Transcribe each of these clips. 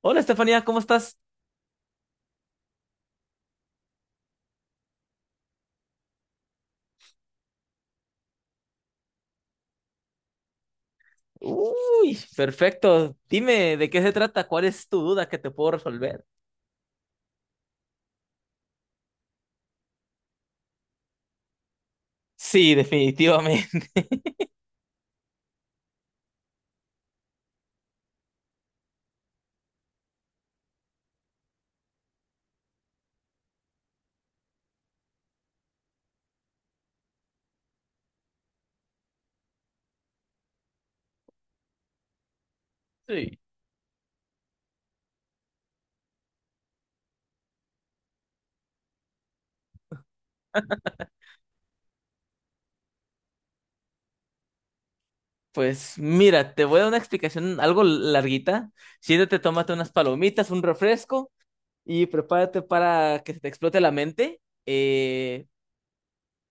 Hola Estefanía, ¿cómo estás? Uy, perfecto. Dime de qué se trata, cuál es tu duda que te puedo resolver. Sí, definitivamente. Sí. Pues mira, te voy a dar una explicación algo larguita. Siéntate, tómate unas palomitas, un refresco y prepárate para que se te explote la mente. Eh,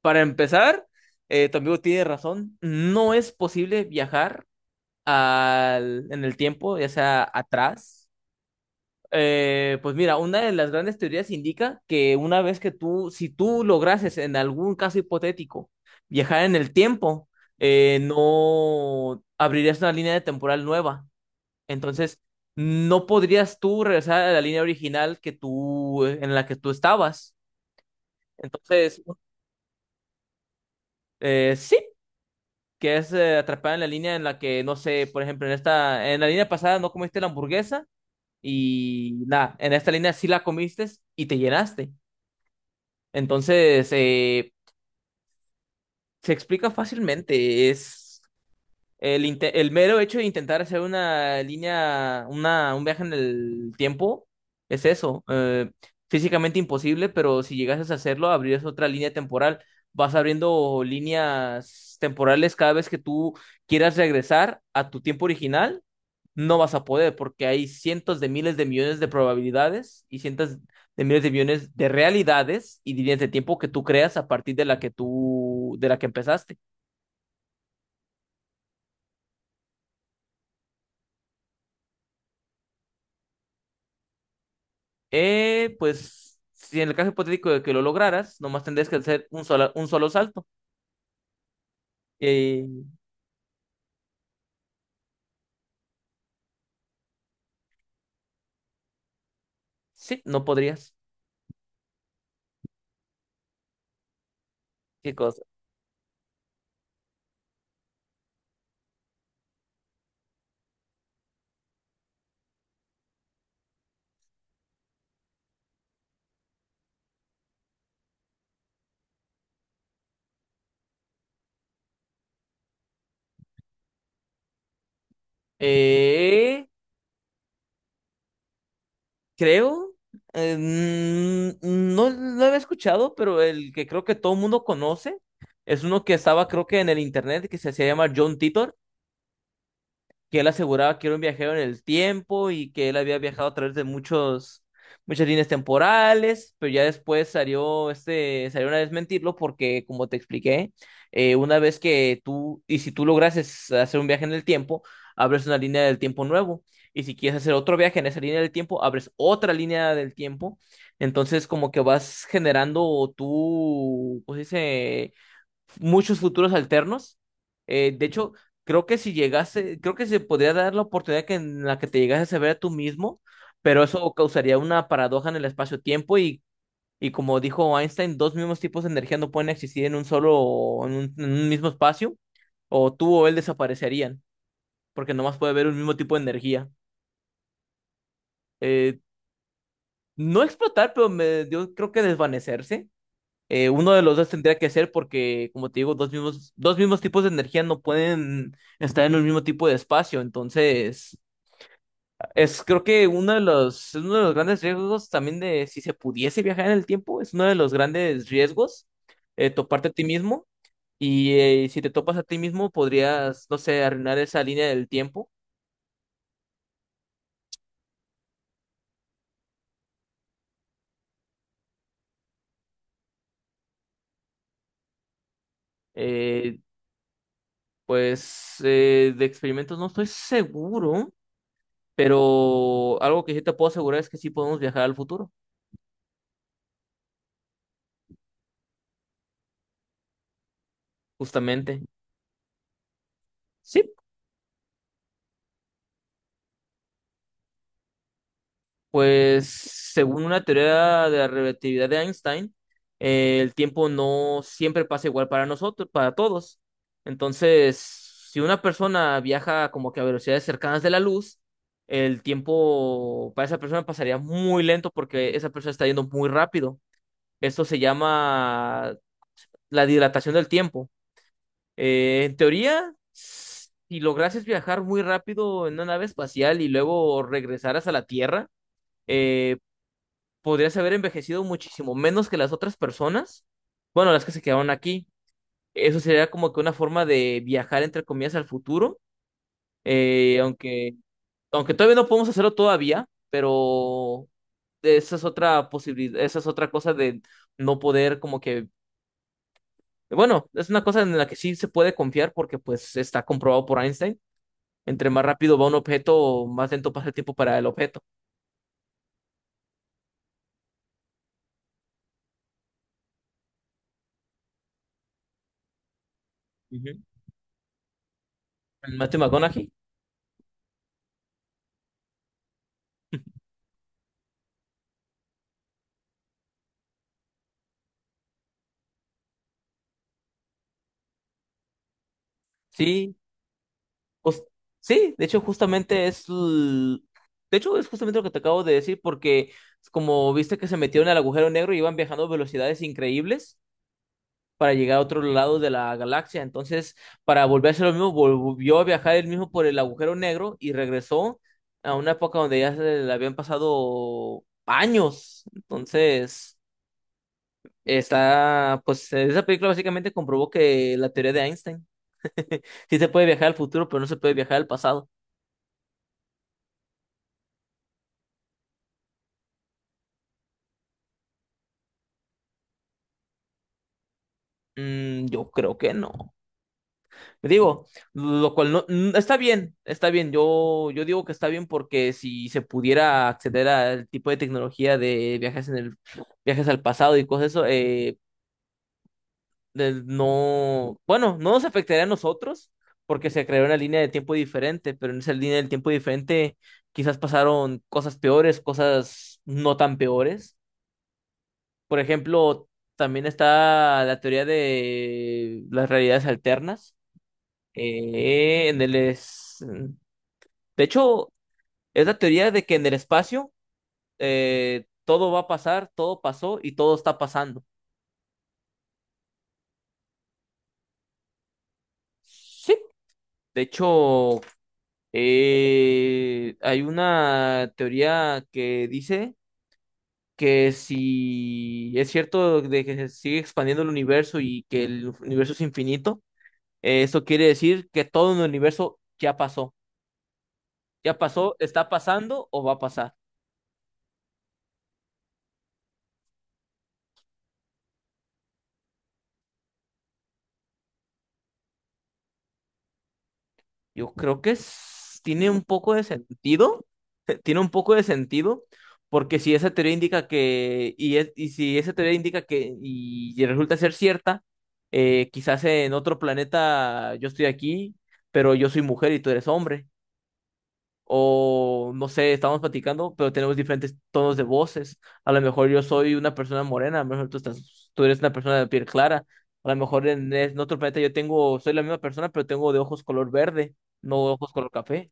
para empezar, tu amigo tiene razón. No es posible viajar en el tiempo, ya sea atrás. Pues mira, una de las grandes teorías indica que una vez que tú, si tú lograses en algún caso hipotético viajar en el tiempo, no abrirías una línea de temporal nueva. Entonces, no podrías tú regresar a la línea original que tú, en la que tú estabas. Entonces, sí, que es atrapada en la línea en la que, no sé, por ejemplo, en esta, en la línea pasada no comiste la hamburguesa y nada, en esta línea sí la comiste y te llenaste. Entonces, se explica fácilmente. Es el mero hecho de intentar hacer una línea, un viaje en el tiempo, es eso. Físicamente imposible, pero si llegases a hacerlo, abrías otra línea temporal. Vas abriendo líneas temporales cada vez que tú quieras regresar a tu tiempo original, no vas a poder porque hay cientos de miles de millones de probabilidades y cientos de miles de millones de realidades y líneas de tiempo que tú creas a partir de la que tú, de la que empezaste. Pues, si en el caso hipotético de que lo lograras, nomás tendrías que hacer un solo salto. Eh, sí, no podrías. Qué cosa. Eh, Creo. eh, no lo había escuchado, pero el que creo que todo el mundo conoce es uno que estaba, creo que en el internet, que se hacía llamar John Titor. Que él aseguraba que era un viajero en el tiempo y que él había viajado a través de muchas líneas temporales, pero ya después salió a desmentirlo porque, como te expliqué, una vez que tú, y si tú lograses hacer un viaje en el tiempo, abres una línea del tiempo nuevo. Y si quieres hacer otro viaje en esa línea del tiempo, abres otra línea del tiempo. Entonces, como que vas generando tú, pues dice, muchos futuros alternos. De hecho, creo que si llegase, creo que se podría dar la oportunidad que en la que te llegases a ver a tú mismo, pero eso causaría una paradoja en el espacio-tiempo y, como dijo Einstein, dos mismos tipos de energía no pueden existir en un solo, en un mismo espacio, o tú o él desaparecerían, porque nomás puede haber un mismo tipo de energía. Eh, no explotar, pero yo creo que desvanecerse. Uno de los dos tendría que ser porque, como te digo, dos mismos tipos de energía no pueden estar en el mismo tipo de espacio. Entonces, es uno de los grandes riesgos también de si se pudiese viajar en el tiempo, es uno de los grandes riesgos toparte a ti mismo. Y si te topas a ti mismo, podrías, no sé, arruinar esa línea del tiempo. Eh, pues de experimentos no estoy seguro, pero algo que sí te puedo asegurar es que sí podemos viajar al futuro, justamente. Sí, pues según una teoría de la relatividad de Einstein, el tiempo no siempre pasa igual para nosotros, para todos. Entonces, si una persona viaja como que a velocidades cercanas de la luz, el tiempo para esa persona pasaría muy lento porque esa persona está yendo muy rápido. Esto se llama la dilatación del tiempo. En teoría, si lograses viajar muy rápido en una nave espacial y luego regresaras a la Tierra, eh, podrías haber envejecido muchísimo menos que las otras personas. Bueno, las que se quedaron aquí. Eso sería como que una forma de viajar, entre comillas, al futuro. Eh, aunque, aunque todavía no podemos hacerlo todavía, pero esa es otra posibilidad, esa es otra cosa de no poder como que, bueno, es una cosa en la que sí se puede confiar porque pues está comprobado por Einstein. Entre más rápido va un objeto, más lento pasa el tiempo para el objeto. Ujú. Matthew McConaughey. Sí, Jus- sí, de hecho, justamente es. De hecho, es justamente lo que te acabo de decir, porque como viste que se metieron al agujero negro y iban viajando a velocidades increíbles para llegar a otro lado de la galaxia. Entonces, para volver a hacer lo mismo, volvió a viajar él mismo por el agujero negro y regresó a una época donde ya se le habían pasado años. Entonces, está. Pues esa película básicamente comprobó que la teoría de Einstein. Sí se puede viajar al futuro, pero no se puede viajar al pasado. Yo creo que no. Digo, lo cual no está bien, está bien. Yo digo que está bien porque si se pudiera acceder al tipo de tecnología de viajes en el viajes al pasado y cosas eso, no, bueno, no nos afectaría a nosotros porque se creó una línea de tiempo diferente, pero en esa línea del tiempo diferente quizás pasaron cosas peores, cosas no tan peores. Por ejemplo, también está la teoría de las realidades alternas. Eh, en el es... De hecho, es la teoría de que en el espacio todo va a pasar, todo pasó y todo está pasando. Sí. De hecho, hay una teoría que dice que si es cierto de que se sigue expandiendo el universo y que el universo es infinito, eso quiere decir que todo en el universo ya pasó. Ya pasó, está pasando o va a pasar. Yo creo que tiene un poco de sentido, tiene un poco de sentido, porque si esa teoría indica que, y, es- y si esa teoría indica que, y resulta ser cierta, quizás en otro planeta yo estoy aquí, pero yo soy mujer y tú eres hombre o no sé, estamos platicando, pero tenemos diferentes tonos de voces. A lo mejor yo soy una persona morena, a lo mejor tú eres una persona de piel clara. A lo mejor en otro planeta soy la misma persona, pero tengo de ojos color verde, no ojos color café.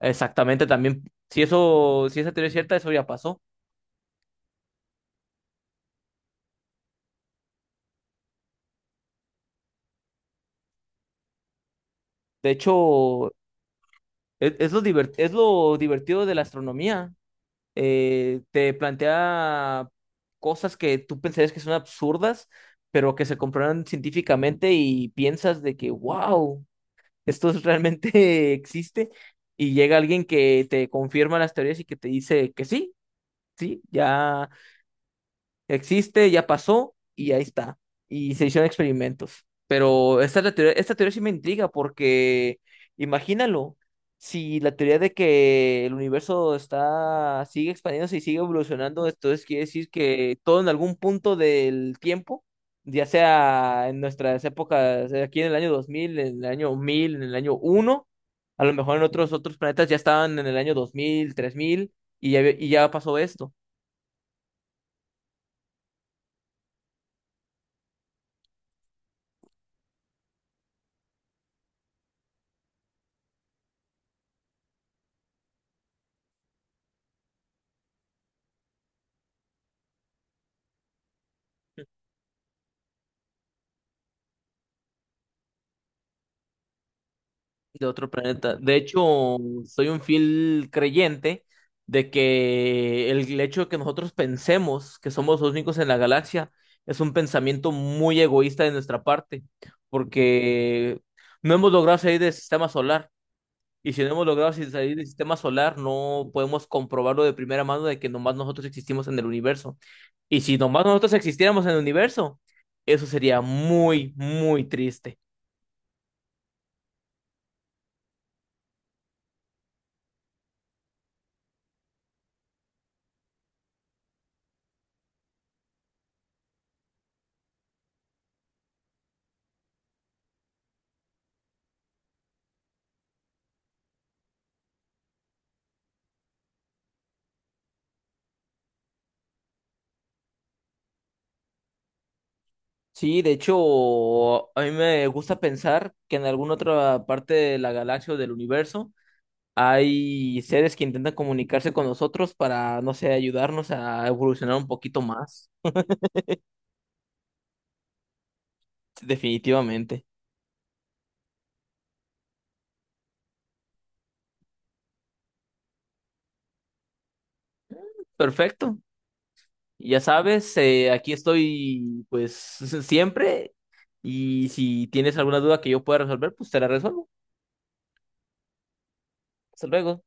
Exactamente, también. Si eso, si esa teoría es cierta, eso ya pasó. De hecho, es lo divertido de la astronomía. Te plantea cosas que tú pensarías que son absurdas, pero que se comprueban científicamente y piensas de que, wow, realmente existe. Y llega alguien que te confirma las teorías y que te dice que sí, sí, ya existe, ya pasó y ahí está. Y se hicieron experimentos. Pero esta, es la teoría, esta teoría sí me intriga porque imagínalo, si la teoría de que el universo está, sigue expandiéndose y sigue evolucionando, entonces quiere decir que todo en algún punto del tiempo, ya sea en nuestras épocas, aquí en el año 2000, en el año 1000, en el año 1, a lo mejor en otros planetas ya estaban en el año 2000, 3000, y ya pasó esto. De otro planeta. De hecho, soy un fiel creyente de que el hecho de que nosotros pensemos que somos los únicos en la galaxia es un pensamiento muy egoísta de nuestra parte, porque no hemos logrado salir del sistema solar. Y si no hemos logrado si salir del sistema solar, no podemos comprobarlo de primera mano de que nomás nosotros existimos en el universo. Y si nomás nosotros existiéramos en el universo, eso sería muy, muy triste. Sí, de hecho, a mí me gusta pensar que en alguna otra parte de la galaxia o del universo hay seres que intentan comunicarse con nosotros para, no sé, ayudarnos a evolucionar un poquito más. Sí, definitivamente. Perfecto. Ya sabes, aquí estoy pues siempre y si tienes alguna duda que yo pueda resolver, pues te la resuelvo. Hasta luego.